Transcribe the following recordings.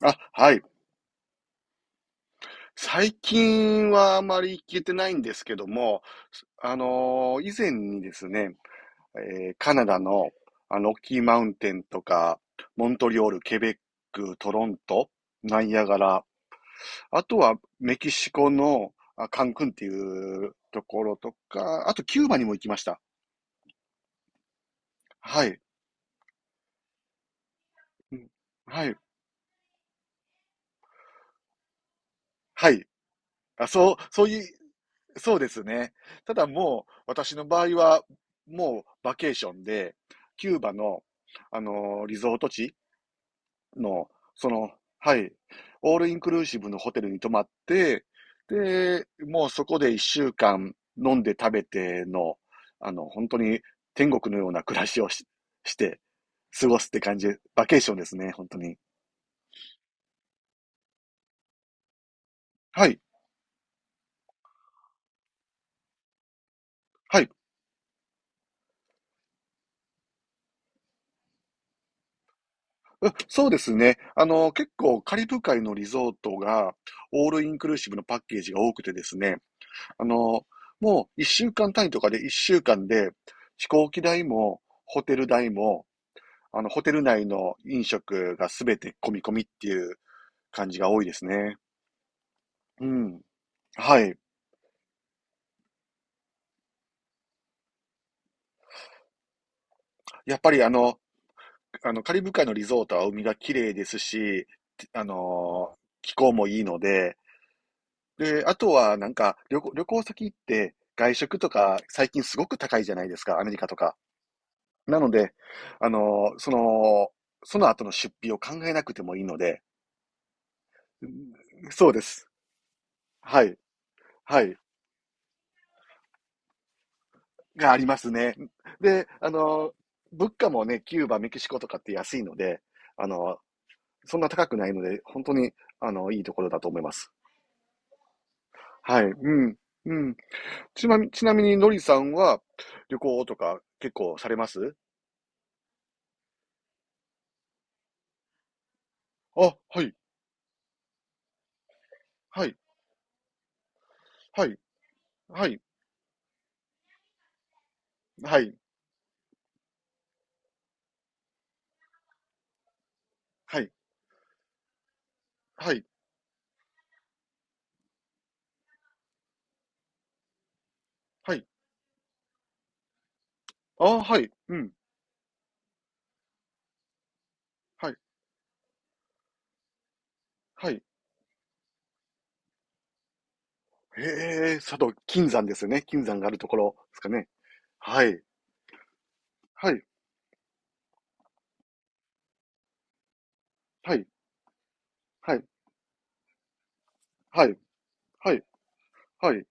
あ、はい。最近はあまり行けてないんですけども、以前にですね、カナダのロッキーマウンテンとか、モントリオール、ケベック、トロント、ナイアガラ、あとはメキシコのカンクンっていうところとか、あとキューバにも行きました。はい。うん、はい。はい。あ、そういう、そうですね。ただもう、私の場合は、もうバケーションで、キューバの、リゾート地の、その、はい、オールインクルーシブのホテルに泊まって、で、もうそこで一週間飲んで食べての、本当に天国のような暮らしをして過ごすって感じで、バケーションですね、本当に。はい、はい。うん、そうですね。結構カリブ海のリゾートがオールインクルーシブのパッケージが多くてですね。あの、もう一週間単位とかで一週間で飛行機代もホテル代もあのホテル内の飲食がすべて込み込みっていう感じが多いですね。うん。はい。やっぱりあのカリブ海のリゾートは海が綺麗ですし、あの、気候もいいので、で、あとはなんか旅行先行って外食とか最近すごく高いじゃないですか、アメリカとか。なので、あの、その、その後の出費を考えなくてもいいので、そうです。はい。はい。がありますね。で、物価もね、キューバ、メキシコとかって安いので、あの、そんな高くないので、本当に、いいところだと思います。はい。うん。うん。ちなみに、のりさんは旅行とか結構されます？あ、はい。はい、はい、はい、はい、はい、はい、はい。ああ、はい、うん、はい、はい。へえ、佐渡、金山ですよね。金山があるところですかね。はい、はい、はい、はい、はい、はい、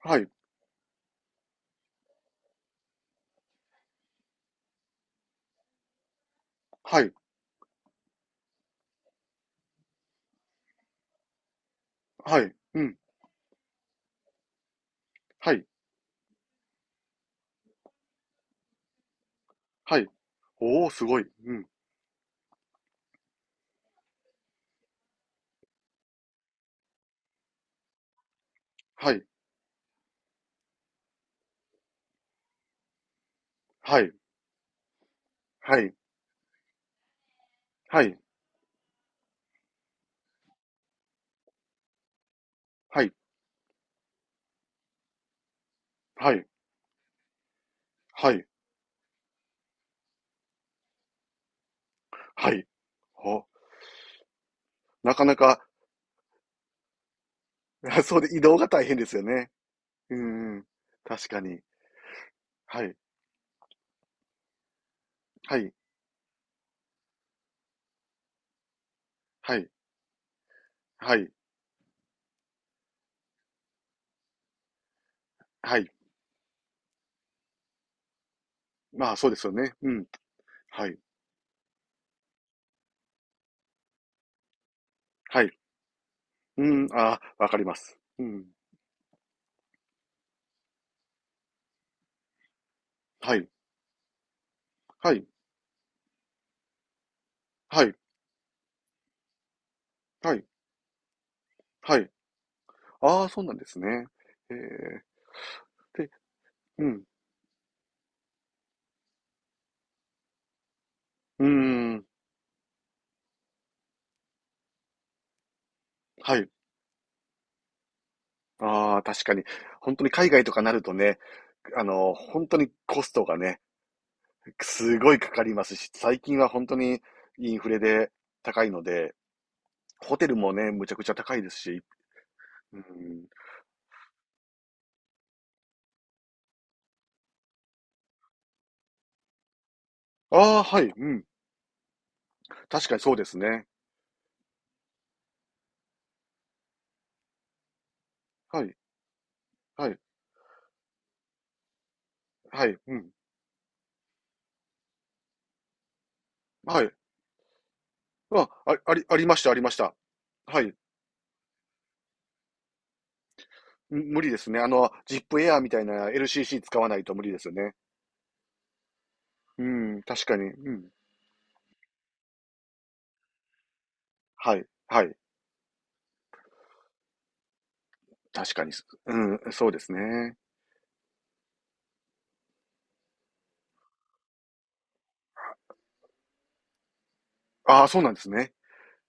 はい、はい、はい、はい、うん、はい、はい。おお、すごい。うん、はい、はい、はい、はい、はい、はい、はい、はい。お、なかなか、そうで移動が大変ですよね。うん、うん、確かに。はい、はい、はい、はい。はい。まあ、そうですよね。うん。はい。はい。うん、ああ、わかります。うん。はい。はい。はい。はい。はい。ああ、そうなんですね。ええ、で、うん。うーん。はい。ああ、確かに。ほんとに海外とかなるとね、ほんとにコストがね、すごいかかりますし、最近はほんとにインフレで高いので、ホテルもね、むちゃくちゃ高いですし。うーん。ああ、はい、うん。確かにそうですね。はい、はい、はい、うん。はい。あ、ああり、ありました、ありました。はい。無理ですね。ジップエアみたいな LCC 使わないと無理ですよね。うん、確かに。うん。はい、はい。確かにす。うん、そうですね。ああ、そうなんですね。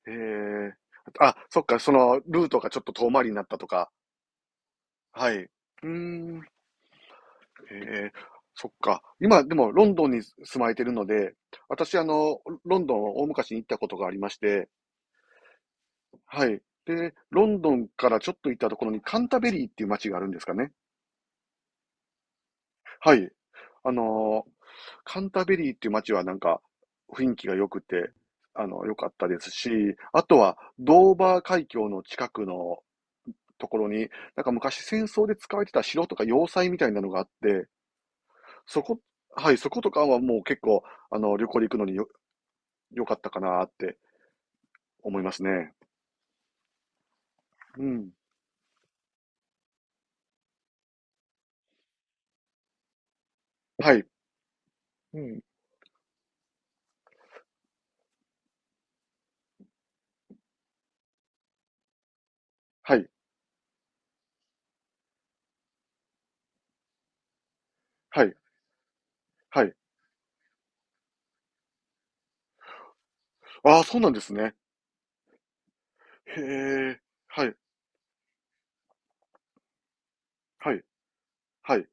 へえ。あ、そっか、ルートがちょっと遠回りになったとか。はい。うーん。へえ。そっか。今、でも、ロンドンに住まれてるので、私、ロンドンを大昔に行ったことがありまして、はい。で、ロンドンからちょっと行ったところにカンタベリーっていう街があるんですかね。はい。あの、カンタベリーっていう街はなんか雰囲気が良くて、良かったですし、あとはドーバー海峡の近くのところに、なんか昔戦争で使われてた城とか要塞みたいなのがあって、そこ、はい、そことかはもう結構、旅行で行くのに良かったかなって思いますね。うん。はい。うん。はい。はい。はい。ああ、そうなんですね。へえ、はい、はい、はい、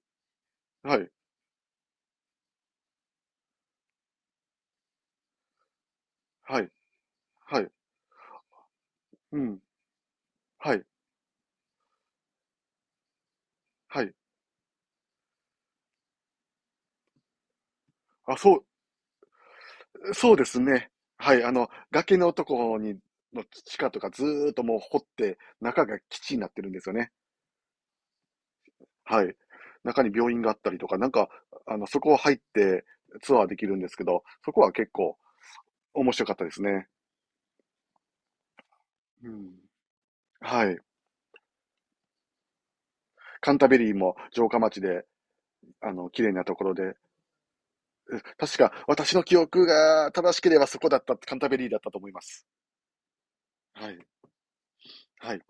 はい、はい、はい、うん、はい、はい。あ、そう、そうですね。はい、崖のところに、の地下とかずーっともう掘って、中が基地になってるんですよね。はい。中に病院があったりとか、なんか、そこを入ってツアーできるんですけど、そこは結構面白かったですね。うん。はい。カンタベリーも城下町で、綺麗なところで、確か、私の記憶が正しければそこだった、カンタベリーだったと思います。はい。はい。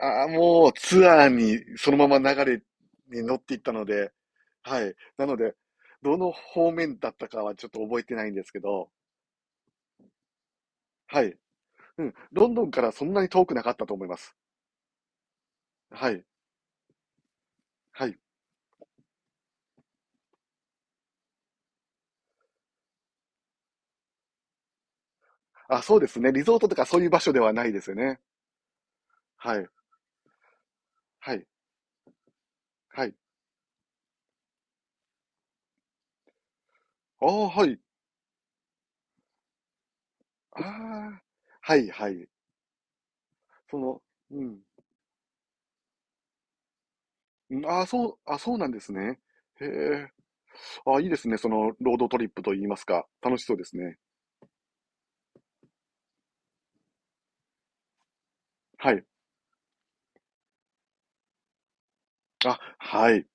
ああ、もうツアーにそのまま流れに乗っていったので、はい。なので、どの方面だったかはちょっと覚えてないんですけど、はい。うん。ロンドンからそんなに遠くなかったと思います。はい。はい。あ、そうですね。リゾートとかそういう場所ではないですよね。はい。はい。はい。ああ、はい。ああ、はい、はい。その、うん。ん、あ、そうなんですね。へえ。あ、いいですね、そのロードトリップといいますか、楽しそうですね。はい。あ、はい。